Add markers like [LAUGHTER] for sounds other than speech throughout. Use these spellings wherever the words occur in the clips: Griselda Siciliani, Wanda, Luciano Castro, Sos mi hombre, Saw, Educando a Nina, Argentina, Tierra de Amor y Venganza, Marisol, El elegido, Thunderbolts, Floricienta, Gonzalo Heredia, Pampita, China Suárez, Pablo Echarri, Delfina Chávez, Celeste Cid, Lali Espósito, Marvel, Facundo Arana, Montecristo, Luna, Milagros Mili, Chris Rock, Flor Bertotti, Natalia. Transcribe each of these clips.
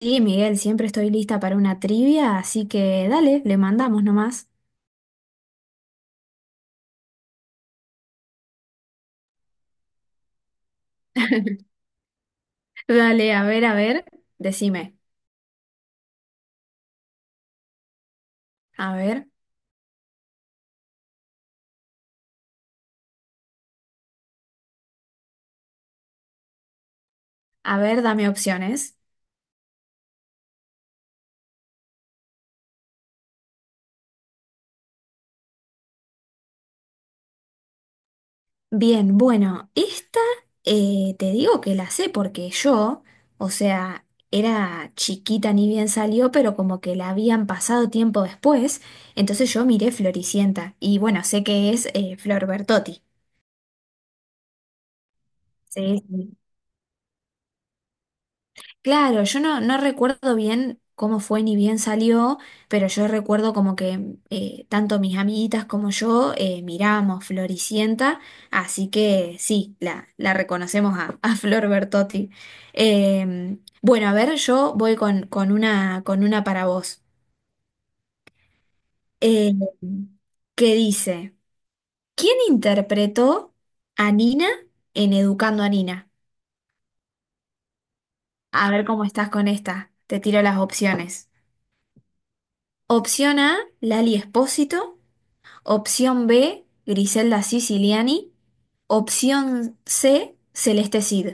Sí, Miguel, siempre estoy lista para una trivia, así que dale, le mandamos nomás. Dale, a ver, decime. A ver, a ver, dame opciones. Bien, bueno, esta te digo que la sé porque yo, o sea, era chiquita ni bien salió, pero como que la habían pasado tiempo después, entonces yo miré Floricienta y bueno, sé que es Flor Bertotti. Sí, sí. Claro, yo no recuerdo bien cómo fue ni bien salió, pero yo recuerdo como que tanto mis amiguitas como yo miramos Floricienta, así que sí, la reconocemos a Flor Bertotti. Eh, bueno, a ver, yo voy con una para vos, eh, que dice, ¿quién interpretó a Nina en Educando a Nina? A ver cómo estás con esta, te tiro las opciones. Opción A, Lali Espósito. Opción B, Griselda Siciliani. Opción C, Celeste Cid.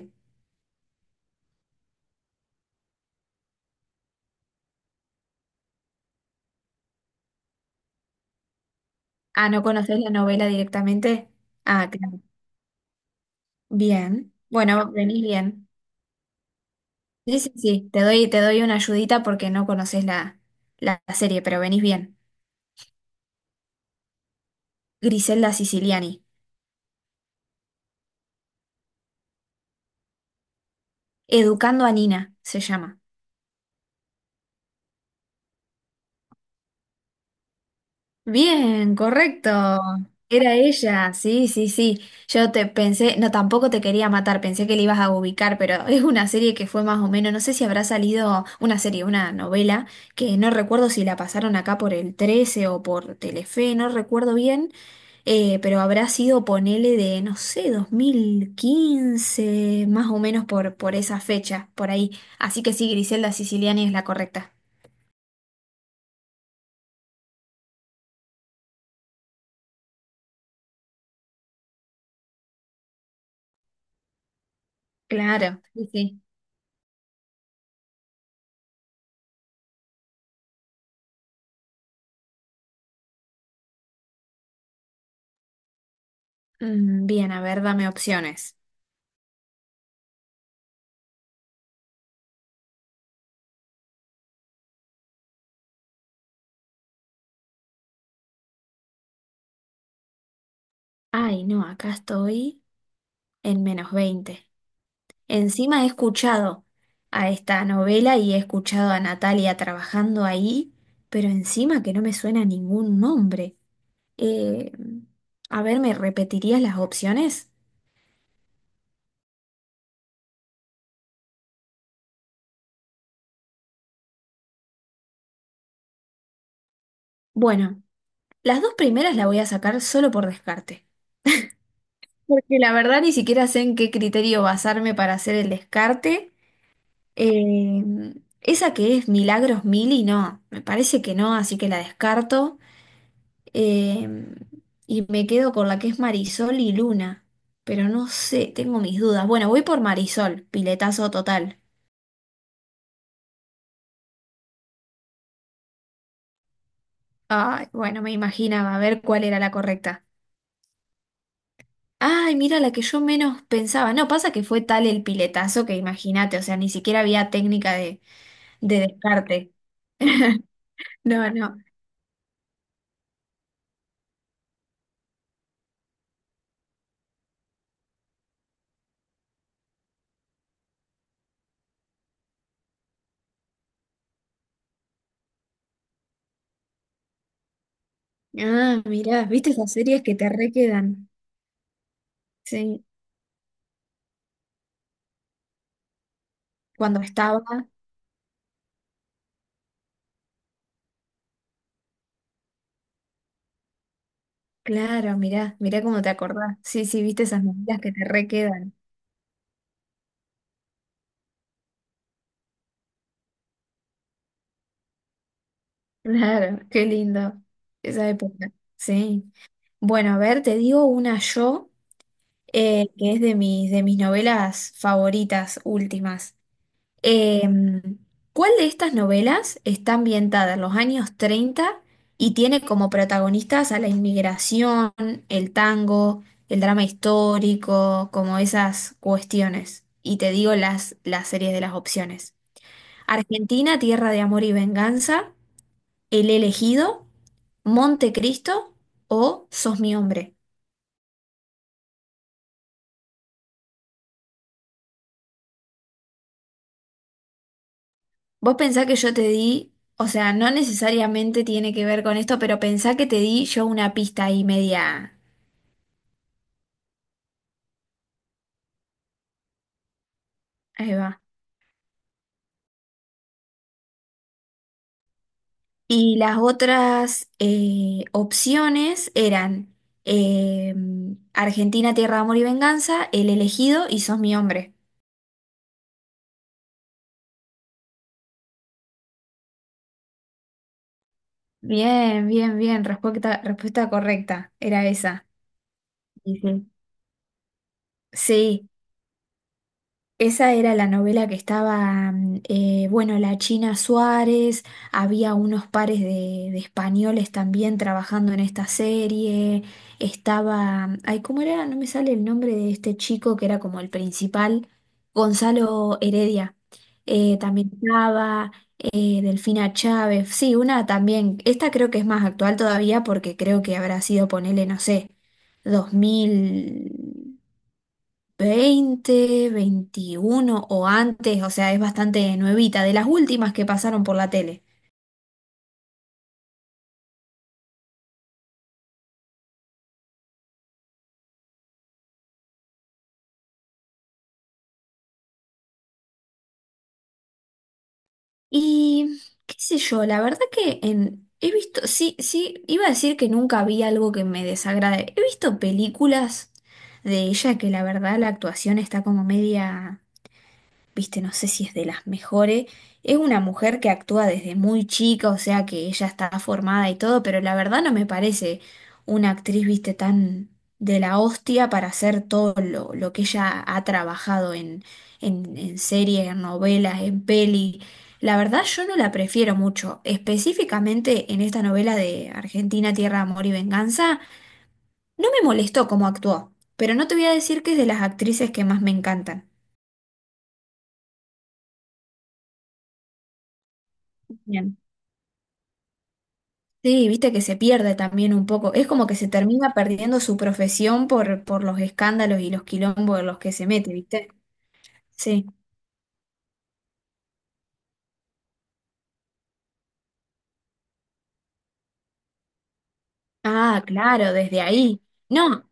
Ah, ¿no conoces la novela directamente? Ah, claro. Bien. Bueno, venís bien. Sí, sí, sí. Te doy una ayudita porque no conoces la serie, pero venís bien. Griselda Siciliani. Educando a Nina se llama. Bien, correcto. Era ella, sí, sí, sí. Yo te pensé, no, tampoco te quería matar, pensé que le ibas a ubicar, pero [LAUGHS] es una serie que fue más o menos, no sé si habrá salido una serie, una novela, que no recuerdo si la pasaron acá por el 13 o por Telefe, no recuerdo bien, pero habrá sido, ponele de, no sé, 2015 más o menos por esa fecha, por ahí. Así que sí, Griselda Siciliani es la correcta. Claro, sí, sí. Bien, a ver, dame opciones. Ay, no, acá estoy en menos 20. Encima he escuchado a esta novela y he escuchado a Natalia trabajando ahí, pero encima que no me suena ningún nombre. Eh, a ver, ¿me repetirías las opciones? Bueno, las dos primeras las voy a sacar solo por descarte, porque la verdad ni siquiera sé en qué criterio basarme para hacer el descarte. Eh, esa que es Milagros Mili, no, me parece que no, así que la descarto. Em, y me quedo con la que es Marisol y Luna. Pero no sé, tengo mis dudas. Bueno, voy por Marisol, piletazo total. Ay, bueno, me imaginaba a ver cuál era la correcta. Ay, mira, la que yo menos pensaba. No, pasa que fue tal el piletazo que imagínate, o sea, ni siquiera había técnica de descarte. No, no. Ah, mirá, ¿viste esas series que te requedan? Sí, cuando estaba. Claro, mirá, mirá cómo te acordás. Sí, sí, viste esas medidas que te requedan. Claro, qué lindo esa época. Sí. Bueno, a ver, te digo una yo que es de mis novelas favoritas últimas. Em, ¿Cuál de estas novelas está ambientada en los años 30 y tiene como protagonistas a la inmigración, el tango, el drama histórico, como esas cuestiones? Y te digo las series de las opciones. Argentina, Tierra de Amor y Venganza. El elegido, Montecristo o Sos mi hombre. Vos pensá que yo te di, o sea, no necesariamente tiene que ver con esto, pero pensá que te di yo una pista ahí media. Ahí va. Y las otras opciones eran eh, Argentina, Tierra, de Amor y Venganza, El elegido y Sos mi hombre. Bien, bien, bien, respuesta correcta, era esa. Sí, sí. Sí, esa era la novela que estaba, bueno, la China Suárez, había unos pares de españoles también trabajando en esta serie, estaba, ay, ¿cómo era? No me sale el nombre de este chico que era como el principal, Gonzalo Heredia, también estaba, Delfina Chávez, sí, una también, esta creo que es más actual todavía porque creo que habrá sido, ponele, no sé, 2020, 21 o antes, o sea, es bastante nuevita, de las últimas que pasaron por la tele. Y qué sé yo, la verdad que he visto, sí, sí, iba a decir que nunca vi algo que me desagrade. He visto películas de ella que la verdad la actuación está como media... viste, no sé si es de las mejores. Es una mujer que actúa desde muy chica, o sea que ella está formada y todo, pero la verdad no me parece una actriz, viste, tan de la hostia para hacer todo lo que ella ha trabajado en series, en novelas, en peli. La verdad yo no la prefiero mucho, específicamente en esta novela de Argentina, Tierra, Amor y Venganza. No me molestó cómo actuó, pero no te voy a decir que es de las actrices que más me encantan. Bien. Sí, viste que se pierde también un poco. Es como que se termina perdiendo su profesión por los escándalos y los quilombos en los que se mete, ¿viste? Sí. Ah, claro, desde ahí. No,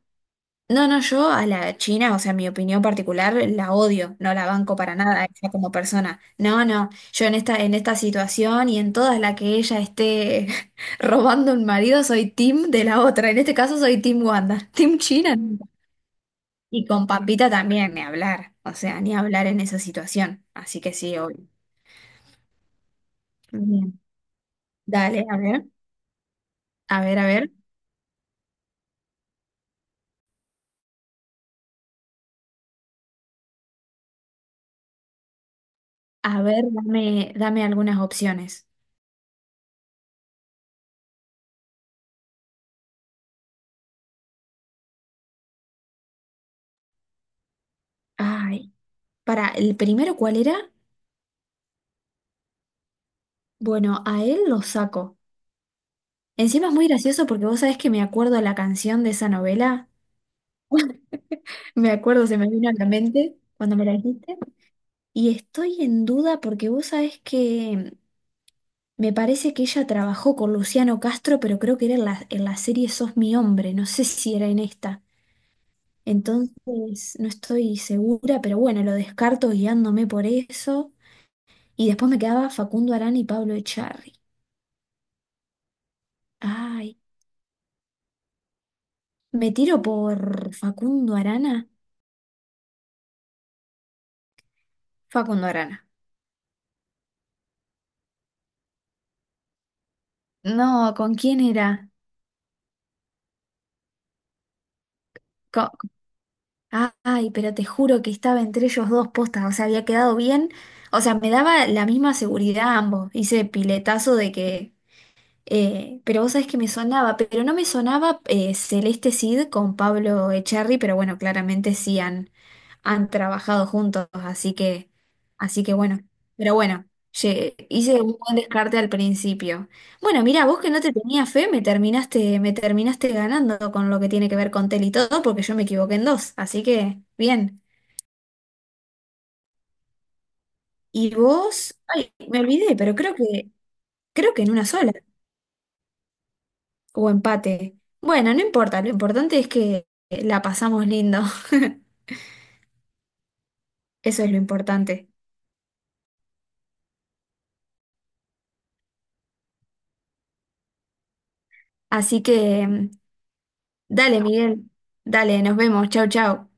no, no, yo a la China, o sea, mi opinión particular, la odio, no la banco para nada, a ella como persona. No, no, yo en esta situación y en todas las que ella esté [LAUGHS] robando un marido, soy team de la otra. En este caso soy team Wanda. Team China. Y con Pampita también, ni hablar, o sea, ni hablar en esa situación. Así que sí, obvio. Bien. Dale, a ver, a ver, a ver, a ver, dame algunas opciones. Ay, para, ¿el primero cuál era? Bueno, a él lo saco. Encima es muy gracioso porque vos sabés que me acuerdo la canción de esa novela. [LAUGHS] Me acuerdo, se me vino a la mente cuando me la dijiste. Y estoy en duda porque vos sabés que me parece que ella trabajó con Luciano Castro, pero creo que era en la serie Sos mi hombre, no sé si era en esta. Entonces, no estoy segura, pero bueno, lo descarto guiándome por eso. Y después me quedaba Facundo Arana y Pablo Echarri. Ay, ¿me tiro por Facundo Arana? Facundo Arana. No, ¿con quién era? Co- Ah, ay, pero te juro que estaba entre ellos dos postas, o sea, había quedado bien. O sea, me daba la misma seguridad a ambos. Hice piletazo de que pero vos sabés que me sonaba, pero no me sonaba Celeste Cid con Pablo Echarri, pero bueno, claramente sí han trabajado juntos, así que bueno. Pero bueno, hice un buen descarte al principio. Bueno, mira, vos que no te tenía fe, me terminaste ganando con lo que tiene que ver con Tel y todo, porque yo me equivoqué en dos, así que bien. Y vos, ay, me olvidé, pero creo que en una sola. O empate. Bueno, no importa, lo importante es que la pasamos lindo. [LAUGHS] Eso es lo importante. Así que, dale, Miguel. Dale, nos vemos. Chau, chau.